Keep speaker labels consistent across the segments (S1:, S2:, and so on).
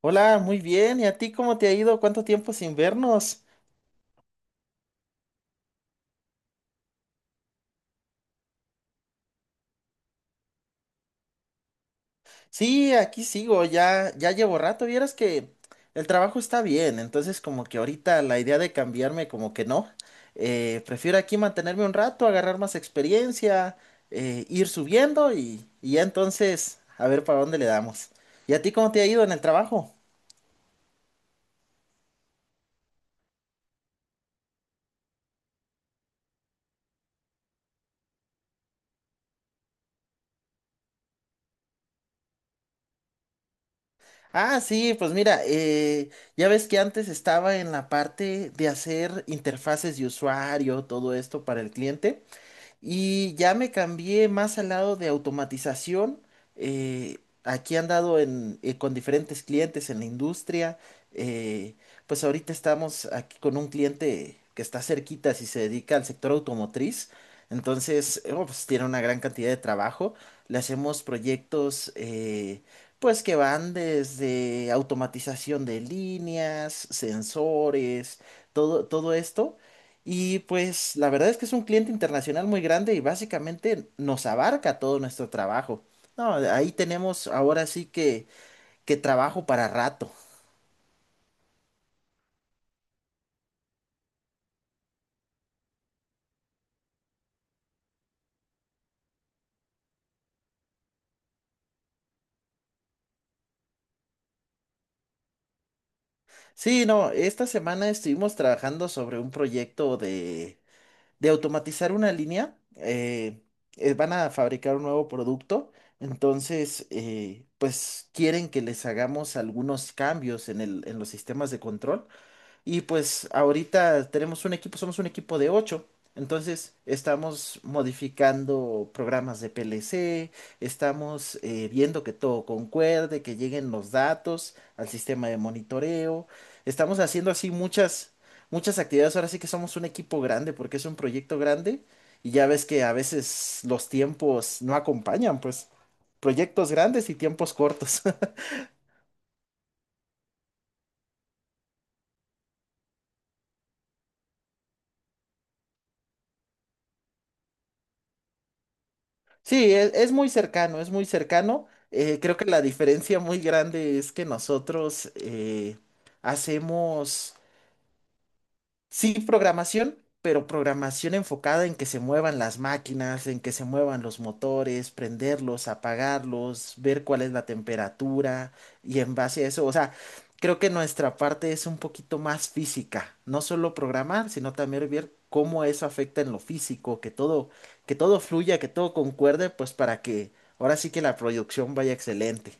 S1: Hola, muy bien. ¿Y a ti cómo te ha ido? ¿Cuánto tiempo sin vernos? Sí, aquí sigo, ya llevo rato. Vieras que el trabajo está bien, entonces como que ahorita la idea de cambiarme como que no. Prefiero aquí mantenerme un rato, agarrar más experiencia, ir subiendo y ya entonces a ver para dónde le damos. ¿Y a ti cómo te ha ido en el trabajo? Ah, sí, pues mira, ya ves que antes estaba en la parte de hacer interfaces de usuario, todo esto para el cliente. Y ya me cambié más al lado de automatización. eh, Aquí he andado en, con diferentes clientes en la industria. eh, pues ahorita estamos aquí con un cliente que está cerquita, si se dedica al sector automotriz. Entonces, pues tiene una gran cantidad de trabajo. Le hacemos proyectos. Pues que van desde automatización de líneas, sensores, todo esto. Y pues la verdad es que es un cliente internacional muy grande y básicamente nos abarca todo nuestro trabajo. No, ahí tenemos ahora sí que trabajo para rato. Sí, no, esta semana estuvimos trabajando sobre un proyecto de automatizar una línea, van a fabricar un nuevo producto, entonces, pues quieren que les hagamos algunos cambios en los sistemas de control y pues ahorita tenemos un equipo, somos un equipo de ocho. Entonces estamos modificando programas de PLC, estamos viendo que todo concuerde, que lleguen los datos al sistema de monitoreo. Estamos haciendo así muchas actividades. Ahora sí que somos un equipo grande porque es un proyecto grande y ya ves que a veces los tiempos no acompañan, pues proyectos grandes y tiempos cortos. Sí, es muy cercano, es muy cercano. Creo que la diferencia muy grande es que nosotros hacemos... Sí, programación, pero programación enfocada en que se muevan las máquinas, en que se muevan los motores, prenderlos, apagarlos, ver cuál es la temperatura y en base a eso, o sea, creo que nuestra parte es un poquito más física, no solo programar, sino también ver cómo eso afecta en lo físico, que todo fluya, que todo concuerde, pues para que ahora sí que la producción vaya excelente.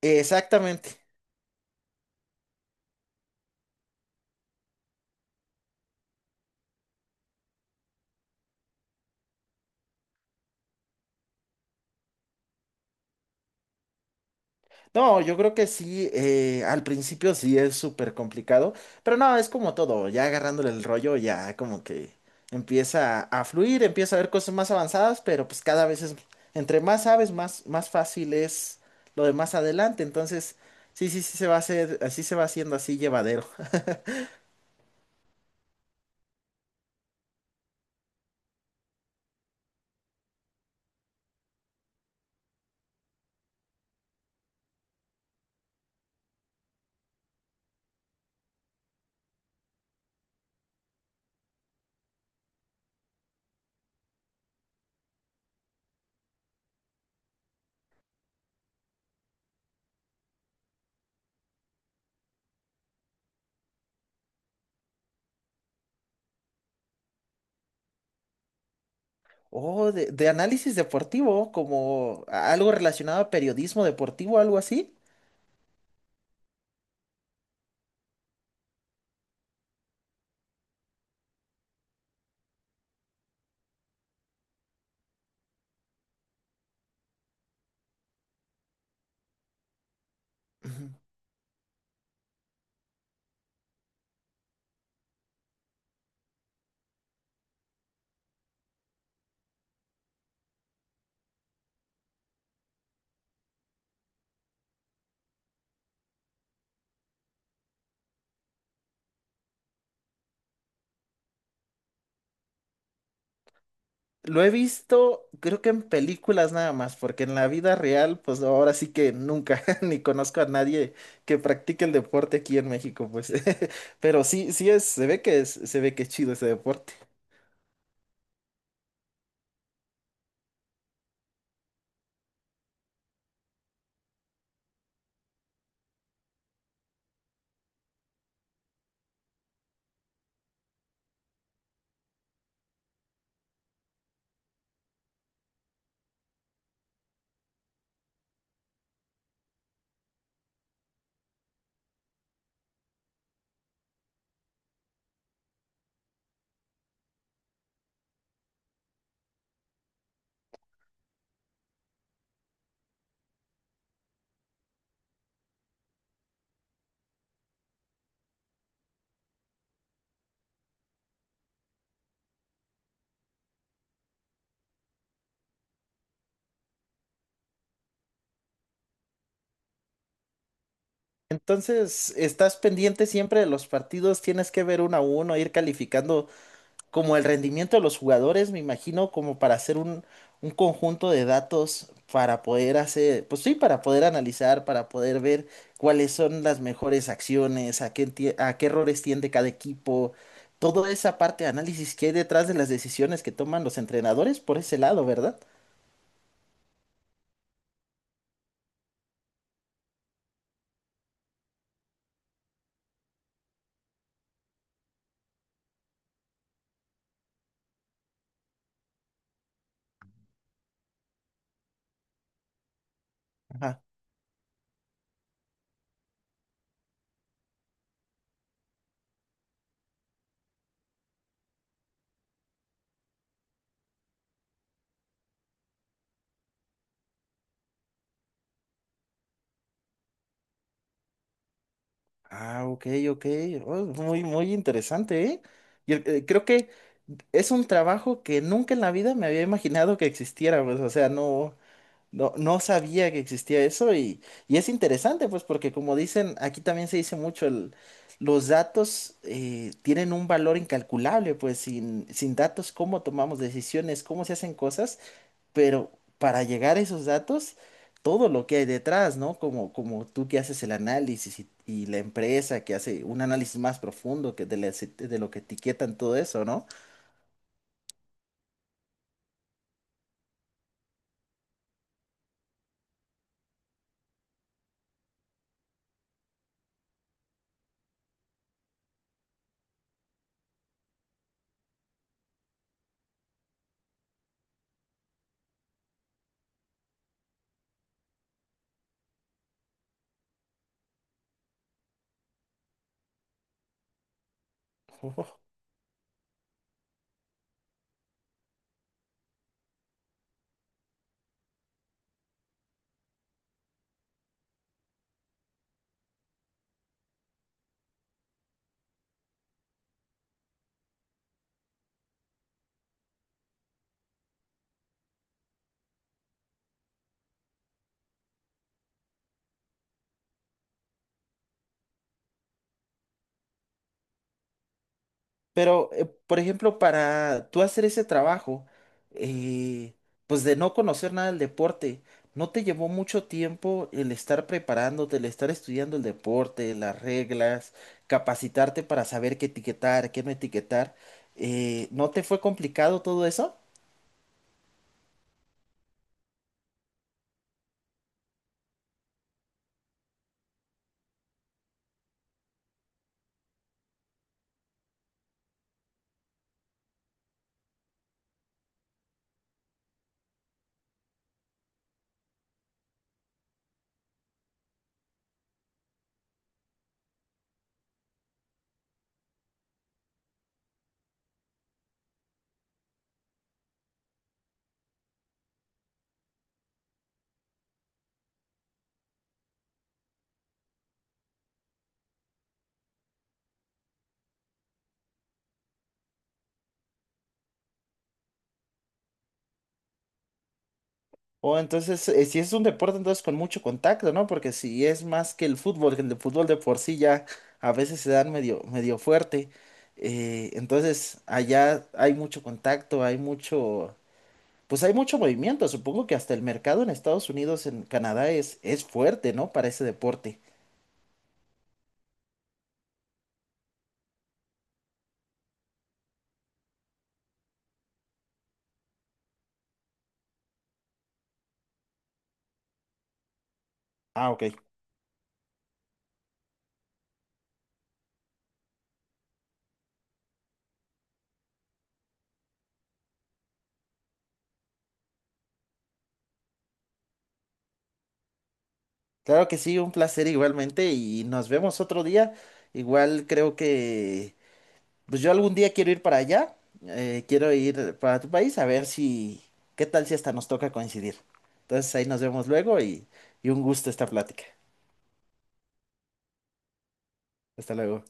S1: Exactamente. No, yo creo que sí, al principio sí es súper complicado, pero no, es como todo, ya agarrándole el rollo, ya como que empieza a fluir, empieza a ver cosas más avanzadas, pero pues entre más sabes, más fácil es lo de más adelante, entonces sí, sí se va a hacer, así se va haciendo así llevadero. Oh, de análisis deportivo, como algo relacionado a periodismo deportivo, algo así. Ujú. Lo he visto, creo que en películas nada más, porque en la vida real, pues no, ahora sí que nunca, ni conozco a nadie que practique el deporte aquí en México, pues. Pero sí, se ve que es, se ve que es chido ese deporte. Entonces, ¿estás pendiente siempre de los partidos? ¿Tienes que ver uno a uno, ir calificando como el rendimiento de los jugadores, me imagino, como para hacer un conjunto de datos para poder hacer, pues sí, para poder analizar, para poder ver cuáles son las mejores acciones, a qué errores tiende cada equipo, toda esa parte de análisis que hay detrás de las decisiones que toman los entrenadores por ese lado, ¿verdad? Ajá. Ah, ok, ok. Oh, muy interesante, ¿eh? Y creo que es un trabajo que nunca en la vida me había imaginado que existiera, pues, o sea, no. No, no sabía que existía eso, y es interesante, pues, porque como dicen, aquí también se dice mucho, los datos tienen un valor incalculable, pues, sin datos, cómo tomamos decisiones, cómo se hacen cosas, pero para llegar a esos datos, todo lo que hay detrás, ¿no? Como tú que haces el análisis y la empresa que hace un análisis más profundo de lo que etiquetan todo eso, ¿no? Pero, por ejemplo, para tú hacer ese trabajo, eh, pues de no conocer nada del deporte, ¿no te llevó mucho tiempo el estar preparándote, el estar estudiando el deporte, las reglas, capacitarte para saber qué etiquetar, qué no etiquetar? ¿No te fue complicado todo eso? O entonces, si es un deporte, entonces con mucho contacto, ¿no? Porque si es más que el fútbol, que el de fútbol de por sí ya a veces se dan medio fuerte. Entonces, allá hay mucho contacto, hay mucho, pues hay mucho movimiento. Supongo que hasta el mercado en Estados Unidos, en Canadá, es fuerte, ¿no? Para ese deporte. Ah, ok. Claro que sí, un placer igualmente y nos vemos otro día. Igual creo que pues yo algún día quiero ir para allá, quiero ir para tu país, a ver si, qué tal si hasta nos toca coincidir. Entonces ahí nos vemos luego y un gusto esta plática. Hasta luego.